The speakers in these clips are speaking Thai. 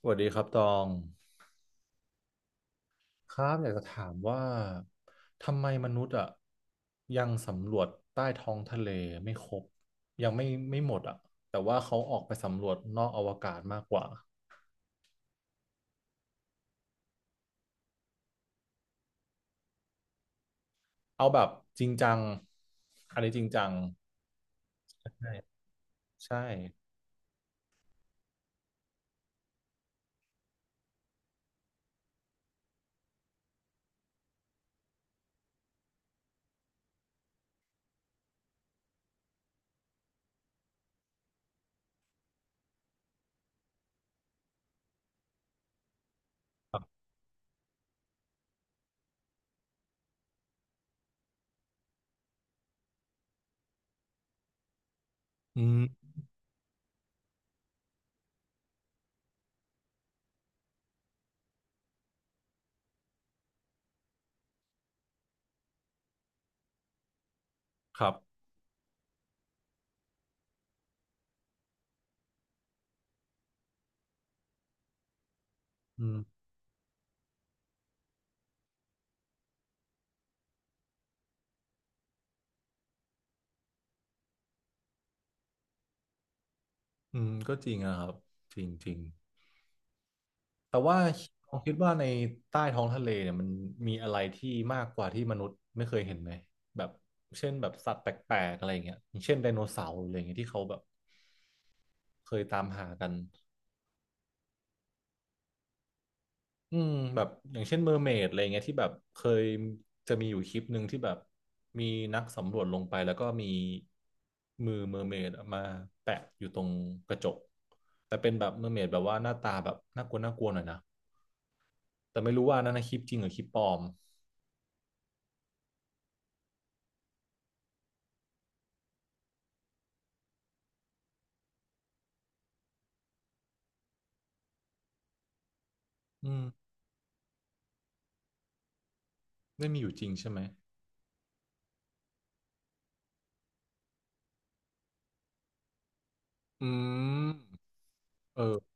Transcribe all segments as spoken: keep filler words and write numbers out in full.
สวัสดีครับตองครับอยากจะถามว่าทำไมมนุษย์อ่ะยังสำรวจใต้ท้องทะเลไม่ครบยังไม่ไม่หมดอ่ะแต่ว่าเขาออกไปสำรวจนอกอวกาศมากกว่าเอาแบบจริงจังอันนี้จริงจังใช่ใช่อืมครับอืมอืมก็จริงนะครับจริงจริง แต่ว่าผมคิดว่าในใต้ท้องทะเลเนี่ยมันมีอะไรที่มากกว่าที่มนุษย์ไม่เคยเห็นไหมแบบเช่นแบบสัตว์แปลกๆอะไรอย่างเงี้ยอย่างเช่นไดโนเสาร์อะไรอย่างเงี้ยที่เขาแบบเคยตามหากันอืมแบบอย่างเช่นเมอร์เมดอะไรเงี้ยที่แบบเคยจะมีอยู่คลิปหนึ่งที่แบบมีนักสำรวจลงไปแล้วก็มีมือเมอร์เมดมาแปะอยู่ตรงกระจกแต่เป็นแบบเมอร์เมดแบบว่าหน้าตาแบบน่ากลัวน่ากลัวหน่อยนะแต่ไม่รู้ว่านั่นนะคลิปจริงหรือคลิปปลอมอืม ได้มีอยู่จริงใช่ไหมอืมเออ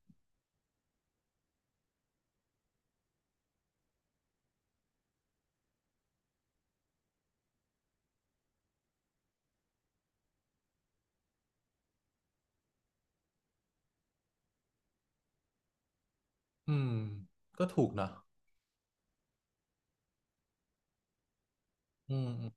อืมก็ถูกนะอืมอืม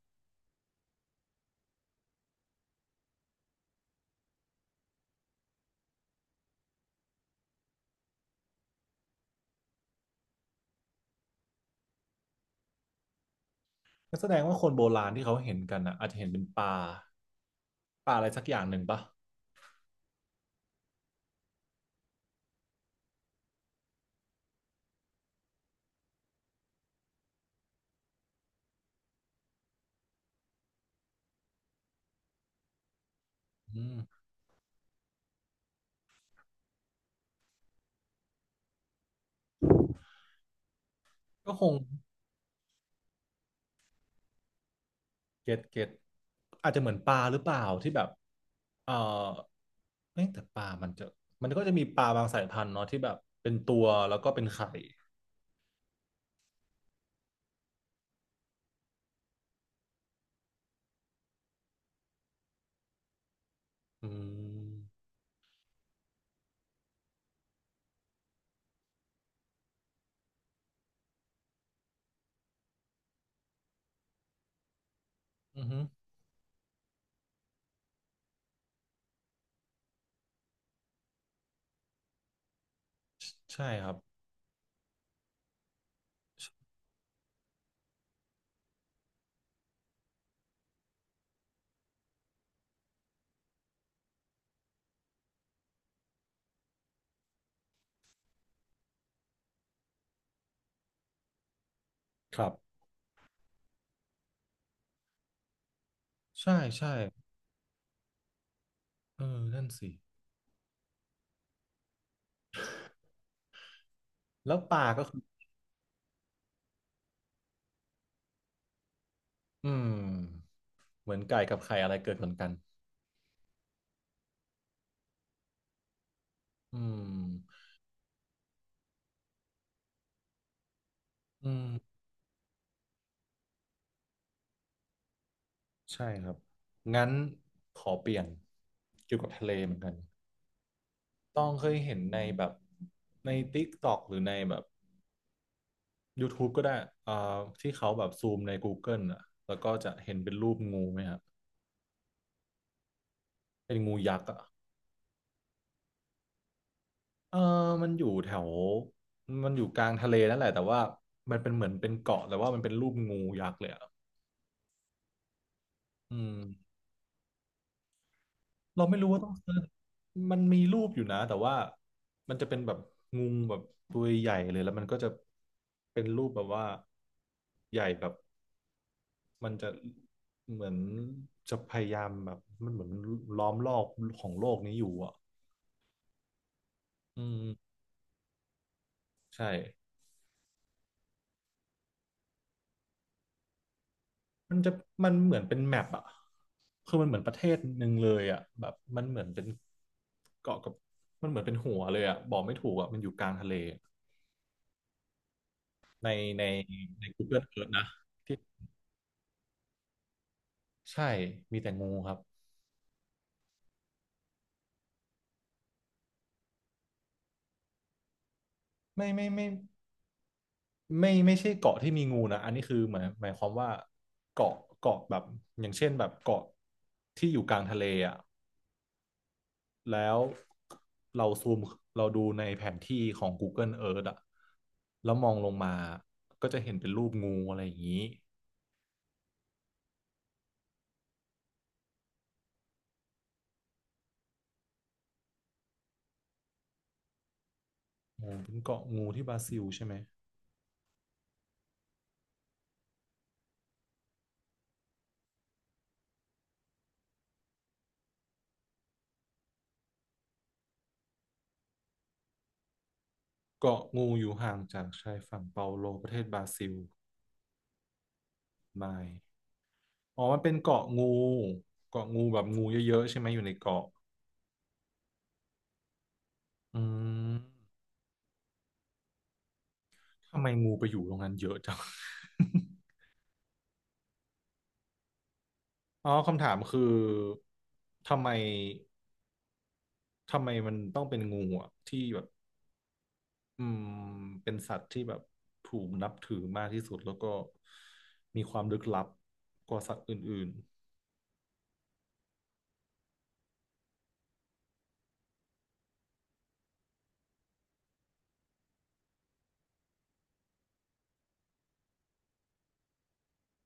ก็แสดงว่าคนโบราณที่เขาเห็นกันอ่ะอาจจะเห็นเป็นปลาปลาอะไรสักอย่างหนึ่งปะอืมก็คงเก็ตเก็ตอาจจะเหมือนปลาหรือเปล่าที่แบบ เออเอ้ยแต่ปลามันจะมันก็จะมีปลาบางสายพันธุ์เนาะที่แบบเป็นตัวแล้วก็เป็นไข่อืมอือฮึใช่ใช่ครับครับ ใช่ใช่เออนั่นสิแล้วปลาก็คืออืม เหมือนไก่กับไข่อะไรเกิดก่อนกันอืมอืมใช่ครับ งั้นขอเปลี่ยนเกี่ยวกับทะเลเหมือนกันต้องเคยเห็นในแบบใน ติ๊กต๊อก หรือในแบบ ยูทูบ ก็ได้อ่าที่เขาแบบซูมใน Google อ่ะแล้วก็จะเห็นเป็นรูปงูไหมครับเป็นงูยักษ์อ่ะเออมันอยู่แถวมันอยู่กลางทะเลนั่นแหละแต่ว่ามันเป็นเหมือนเป็นเกาะแต่ว่ามันเป็นรูปงูยักษ์เลยอ่ะอืม เราไม่รู้ว่าต้องเซิร์ชมันมีรูปอยู่นะแต่ว่ามันจะเป็นแบบงูแบบตัวใหญ่เลยแล้วมันก็จะเป็นรูปแบบว่าใหญ่แบบมันจะเหมือนจะพยายามแบบมันเหมือนล้อมรอบของโลกนี้อยู่อ่ะอืมใช่มันจะมันเหมือนเป็นแมปอ่ะคือมันเหมือนประเทศหนึ่งเลยอ่ะแบบมันเหมือนเป็นเกาะกับมันเหมือนเป็นหัวเลยอ่ะบอกไม่ถูกอ่ะมันอยู่กลางทะเลในในใน Google Earth นะ ใช่ มีแต่งูครับ ไม่ไม่ไม่ไม่ไม่ใช่เกาะที่มีงูนะ อันนี้คือหมายหมายความว่าเกาะเกาะแบบอย่างเช่นแบบเกาะที่อยู่กลางทะเลอ่ะแล้วเราซูมเราดูในแผนที่ของ Google Earth อ่ะแล้วมองลงมา ก็จะเห็นเป็นรูปงูอะไรอย่างนี้งูเป็นเกาะงูที่บราซิลใช่ไหม เกาะงูอยู่ห่างจากชายฝั่งเปาโลประเทศบราซิลไมล์อ๋อมันเป็นเกาะงูเกาะงูแบบงูเยอะๆใช่ไหมอยู่ในเกาะ อืมทำไมงูไปอยู่ตรงนั้นเยอะจัง อ๋อคำถามคือทำไมทำไมมันต้องเป็นงูอ่ะที่แบบอืมเป็นสัตว์ที่แบบถูกนับถือมากที่สุดแล้วก็มีความลึกลับกว่าสัตว์อื่น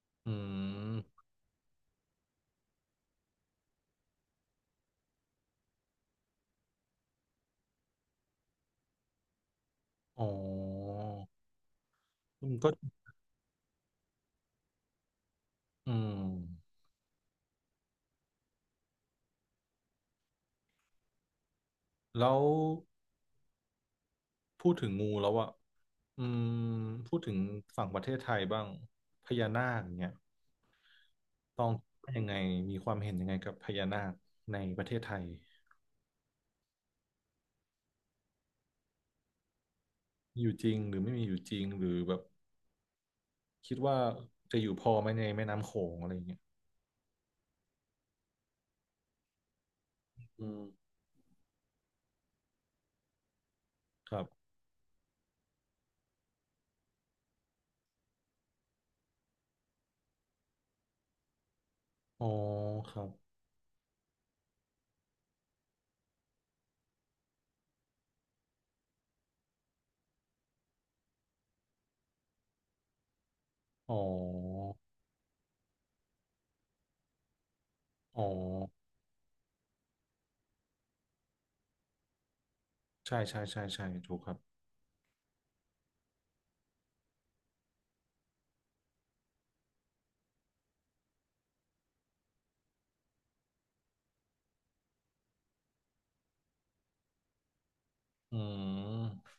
ๆอืมอ๋ออืมก็อืมแล้วพูดถึงงูแล้วอ่ะอืมพูดถึงฝั่งประเทศไทยบ้างพญานาคเนี่ย ตองว่ายังไงมีความเห็นยังไงกับพญานาคในประเทศไทยอยู่จริงหรือไม่มีอยู่จริงหรือแบบคิดว่าจะอยู่พอไหมในแม่น้ำโขงอะไรอย่างเงี้ยอืมครับอ๋อครับอ๋ออ๋อใช่ใช่ใช่ใช่ถูกครับอืม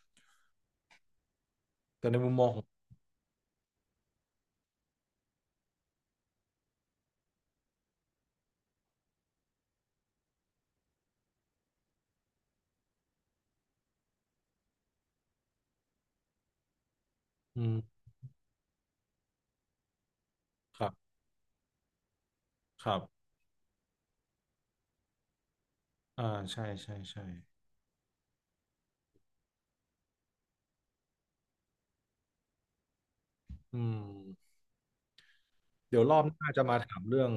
แต่ในมุมมองของอืมครับครับอ่าใช่ใช่ใช่อืมเดี๋ยวรอบหน้าจะมาถามเรื่อง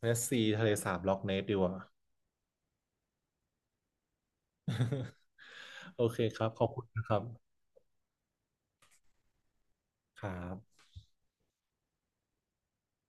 เมสซีทะเลสาบล็อกเนสดีกว่า โอเคครับขอบคุณนะครับครับ